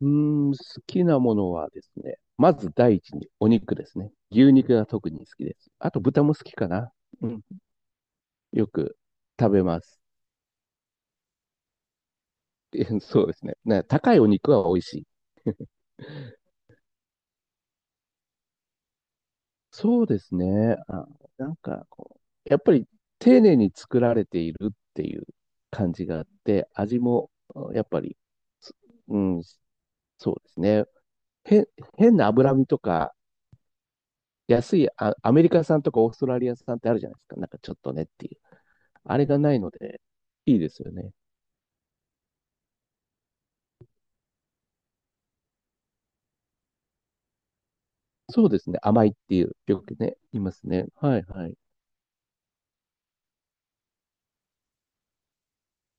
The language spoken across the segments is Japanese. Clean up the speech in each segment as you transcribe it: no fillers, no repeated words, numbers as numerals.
うー好きなものはですね、まず第一にお肉ですね。牛肉が特に好きです。あと豚も好きかな。うん、よく食べます。そうですね。ね、高いお肉は美味しい。そうですね。あ、なんかこう、やっぱり丁寧に作られているっていう感じがあって、味もやっぱり、うん、そうですね。へ、変な脂身とか、安いあ、アメリカ産とかオーストラリア産ってあるじゃないですか。なんかちょっとねっていう。あれがないので、いいですよね。そうですね。甘いっていう、よくね、言いますね。はいはい。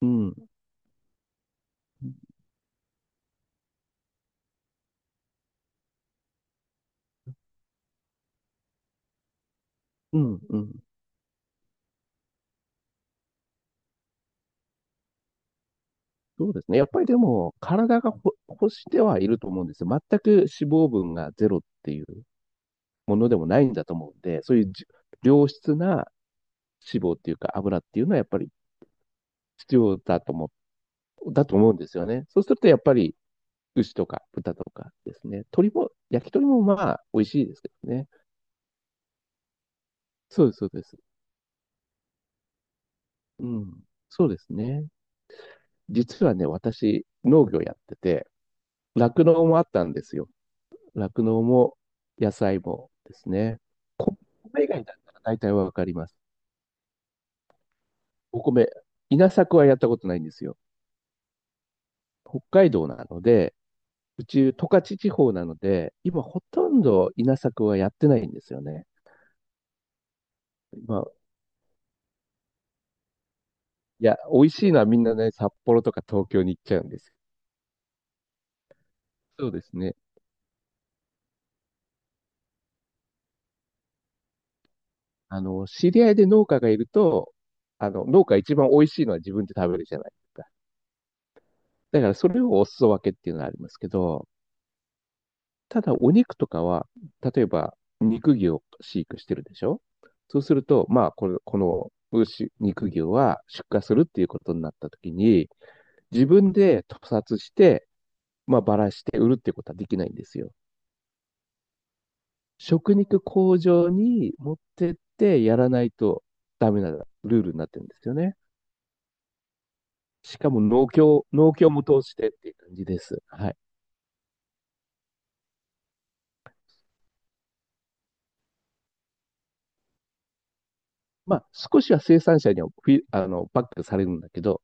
うん。うん、うん。そうですね。やっぱりでも、体が欲してはいると思うんですよ。全く脂肪分がゼロっていうものでもないんだと思うんで、そういうじ良質な脂肪っていうか油っていうのはやっぱり必要だとだと思うんですよね。そうするとやっぱり牛とか豚とかですね。鳥も、焼き鳥もまあ、美味しいですけどね。そうです、そうです。うん。そうですね。実はね、私、農業やってて、酪農もあったんですよ。酪農も野菜もですね。こ米以外だったら大体わかります。お米、稲作はやったことないんですよ。北海道なので、うち十勝地方なので、今ほとんど稲作はやってないんですよね。まあ、いや、美味しいのはみんなね、札幌とか東京に行っちゃうんです。そうですね。あの、知り合いで農家がいると、あの、農家一番美味しいのは自分で食べるじゃないですか。だからそれをお裾分けっていうのはありますけど、ただお肉とかは、例えば肉牛を飼育してるでしょ。そうすると、まあ、この牛、肉牛は出荷するっていうことになった時に、自分で屠殺して、まあ、ばらして売るっていうことはできないんですよ。食肉工場に持ってってやらないとダメなルールになってるんですよね。しかも農協も通してっていう感じです。はい。まあ、少しは生産者にはフィ、あの、バックされるんだけど、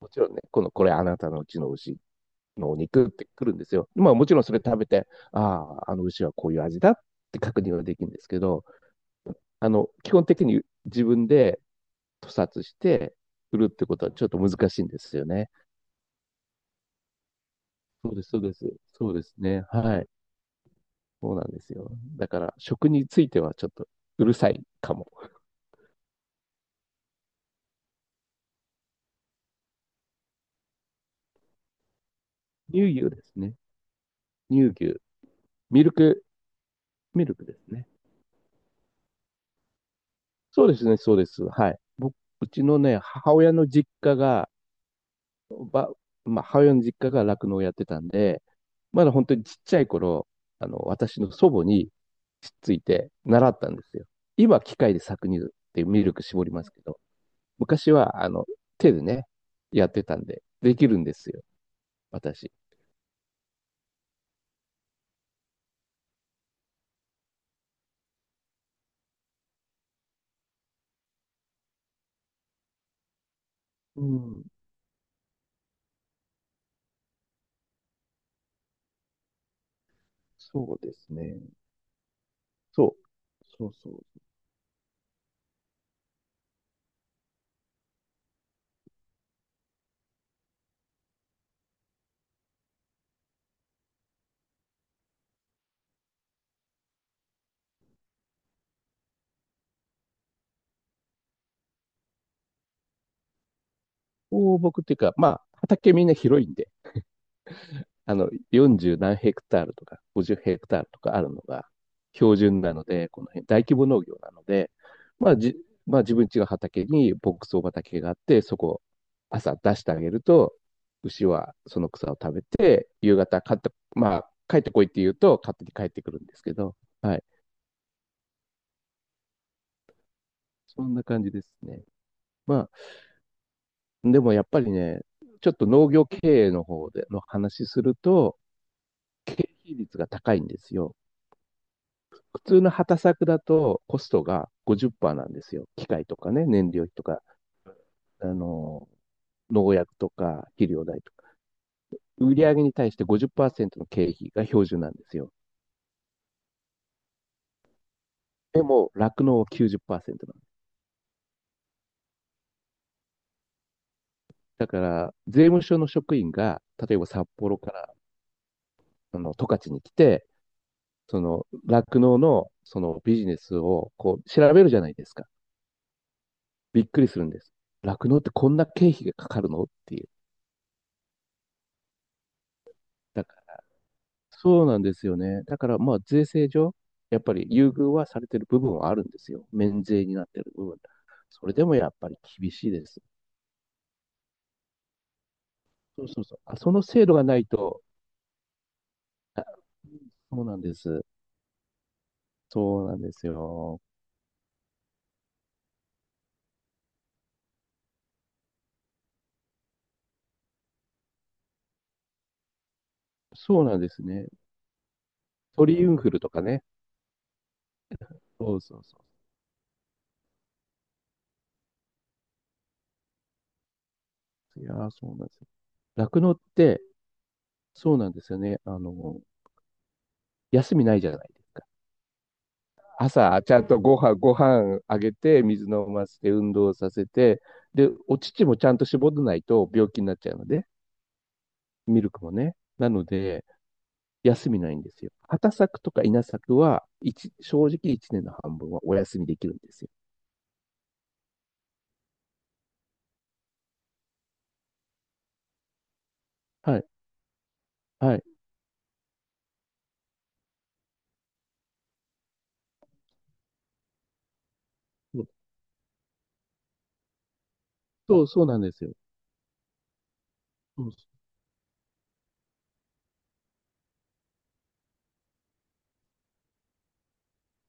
もちろんね、これあなたのうちの牛のお肉ってくるんですよ。まあ、もちろんそれ食べて、ああ、あの牛はこういう味だって確認はできるんですけど、あの、基本的に自分で屠殺して売るってことはちょっと難しいんですよね。そうです、そうです。そうですね。はい。そうなんですよ。だから、食についてはちょっとうるさいかも。乳牛ですね。乳牛。ミルク、ミルクですね。そうですね、そうです。はい。僕、うちのね、母親の実家が、ば、まあ、母親の実家が酪農をやってたんで、まだ本当にちっちゃい頃、あの、私の祖母につっついて習ったんですよ。今、機械で搾乳ってミルク絞りますけど、昔は、あの、手でね、やってたんで、できるんですよ、私。うん、そうですね。そう。そうそう。放牧っていうか、まあ、畑みんな広いんで、あの、40何ヘクタールとか、50ヘクタールとかあるのが標準なので、この辺、大規模農業なので、まあじ、まあ自分家の畑に牧草畑があって、そこ朝出してあげると、牛はその草を食べて、夕方帰って、まあ帰ってこいって言うと勝手に帰ってくるんですけど、はい。そんな感じですね。まあ、でもやっぱりね、ちょっと農業経営の方での話すると、経費率が高いんですよ。普通の畑作だとコストが50%なんですよ。機械とかね、燃料費とか、あの農薬とか肥料代とか。売上に対して50%の経費が標準なんですよ。でも、酪農は90%なんです。だから、税務署の職員が、例えば札幌から、あの、十勝に来て、その、酪農の、そのビジネスを、こう、調べるじゃないですか。びっくりするんです。酪農ってこんな経費がかかるのっていう。だかそうなんですよね。だから、まあ、税制上、やっぱり優遇はされてる部分はあるんですよ。免税になってる部分。それでもやっぱり厳しいです。そうそうそう。あ、その制度がないと。そうなんです。そうなんですよ。そうなんですね。鳥インフルとかね。そうそうそう。いやー、そうなんですよ。酪農って、そうなんですよね。あの、休みないじゃないですか。朝、ちゃんとご飯あげて、水飲ませて、運動させて、で、お乳もちゃんと絞らないと病気になっちゃうので、ミルクもね。なので、休みないんですよ。畑作とか稲作は、正直1年の半分はお休みできるんですよ。はい、はい。そう、そうなんですよ。そう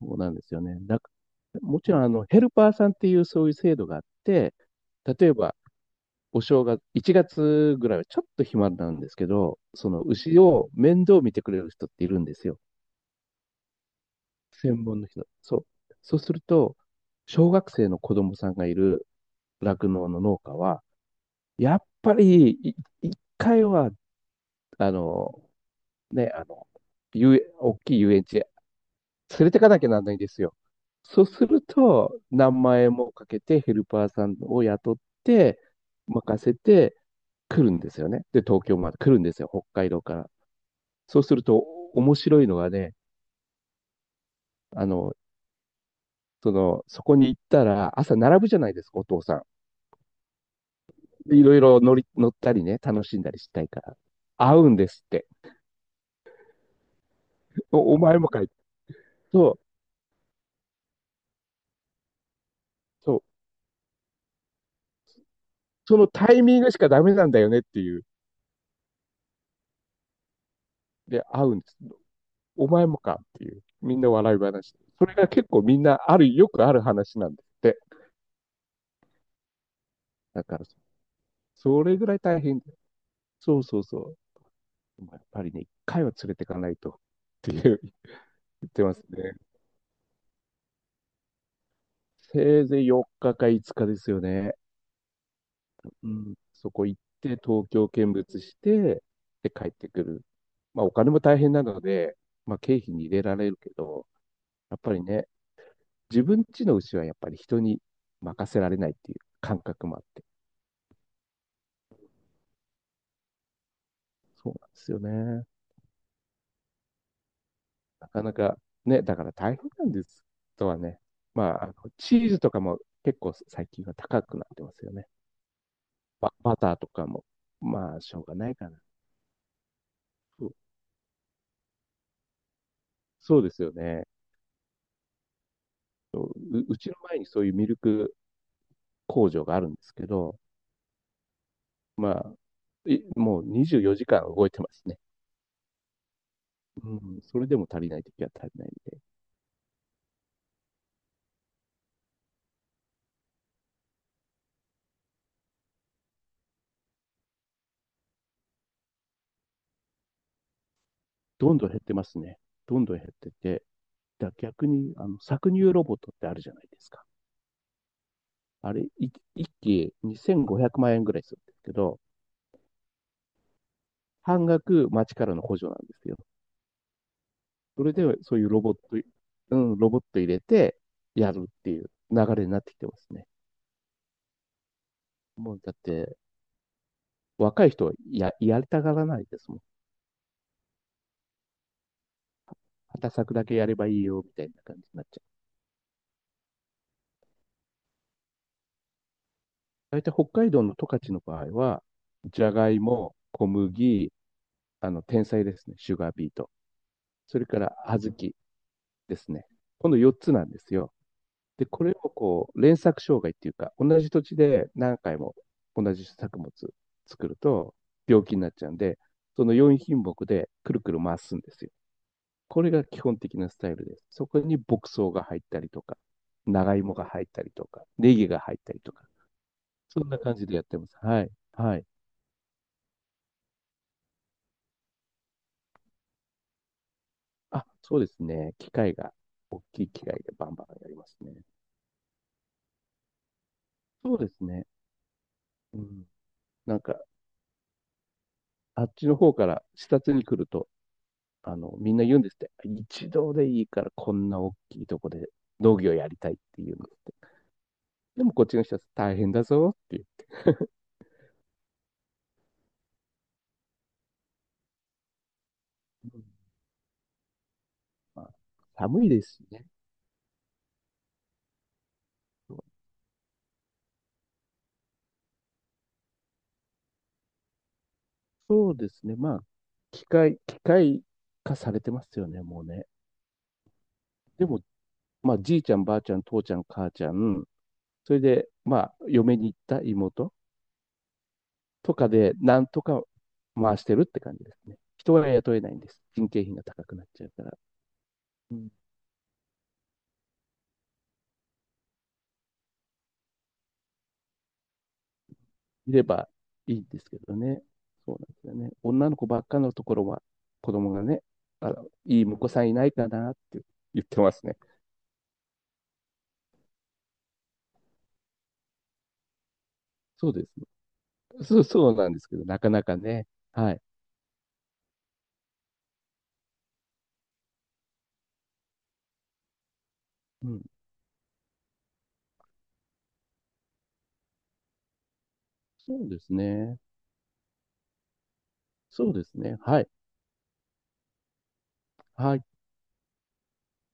そうなんですよね。もちろん、あの、ヘルパーさんっていうそういう制度があって、例えば、お正月、1月ぐらいはちょっと暇なんですけど、その牛を面倒見てくれる人っているんですよ。専門の人。そう。そうすると、小学生の子供さんがいる酪農の農家は、やっぱり一回は、あの、ね、あの、大きい遊園地へ連れてかなきゃなんないんですよ。そうすると、何万円もかけてヘルパーさんを雇って、任せて来るんですよね。で、東京まで来るんですよ。北海道から。そうすると、面白いのがね、あの、その、そこに行ったら、朝並ぶじゃないですか、お父さん。いろいろ乗ったりね、楽しんだりしたいから。会うんですって。お前もかい。そう、そう。そのタイミングしかダメなんだよねっていう。で、会うんです。お前もかっていう。みんな笑い話。それが結構みんなある、よくある話なんですって。だから、それぐらい大変。そうそうそう。やっぱりね、一回は連れてかないとっていう言ってますね。せいぜい4日か5日ですよね。うん、そこ行って、東京見物して、で、帰ってくる。まあ、お金も大変なので、まあ、経費に入れられるけど、やっぱりね、自分家の牛はやっぱり人に任せられないっていう感覚もあって、そうなんですよね。なかなか、ね、だから大変なんです。とはね、まあ、あのチーズとかも結構最近は高くなってますよね。バターとかも、まあ、しょうがないかな。そうそうですよね。ううちの前にそういうミルク工場があるんですけど、まあ、もう24時間動いてますね。うん、それでも足りないときは足りないんで、どんどん減ってますね。どんどん減ってて、逆にあの搾乳ロボットってあるじゃないですか。あれ、一機2500万円ぐらいするんですけど、半額町からの補助なんですよ。それでそういうロボット、うん、ロボット入れてやるっていう流れになってきてますね。もうだって、若い人はやりたがらないですもん。畑作だけやればいいよみたいな感じになっちゃう。大体北海道の十勝の場合は、じゃがいも、小麦、あの、天才ですね、シュガービート。それから小豆ですね。この4つなんですよ。で、これをこう、連作障害っていうか、同じ土地で何回も同じ作物作ると病気になっちゃうんで、その4品目でくるくる回すんですよ。これが基本的なスタイルです。そこに牧草が入ったりとか、長芋が入ったりとか、ネギが入ったりとか、そんな感じでやってます。はい。はい。あ、そうですね。機械が、大きい機械でバンバンやりますね。そうですね。うん。なんか、あっちの方から視察に来ると、あの、みんな言うんですって。一度でいいからこんな大きいとこで農業やりたいって言うんですって。でもこっちの人は大変だぞっていう。うん。まあ、寒いですしね。そうですね。まあ、機械化されてますよね、もうね。でも、まあ、じいちゃん、ばあちゃん、父ちゃん、母ちゃん、それで、まあ、嫁に行った妹とかで、なんとか回してるって感じですね。人は雇えないんです。人件費が高くなっちゃうから。うん、いればいいんですけどね。そうなんですよね。女の子ばっかのところは、子供がね、あの、いい婿さんいないかなって言ってますね。そうですね。そう、そうなんですけど、なかなかね。はい。うん。そうですね。そうですね。はい。はい。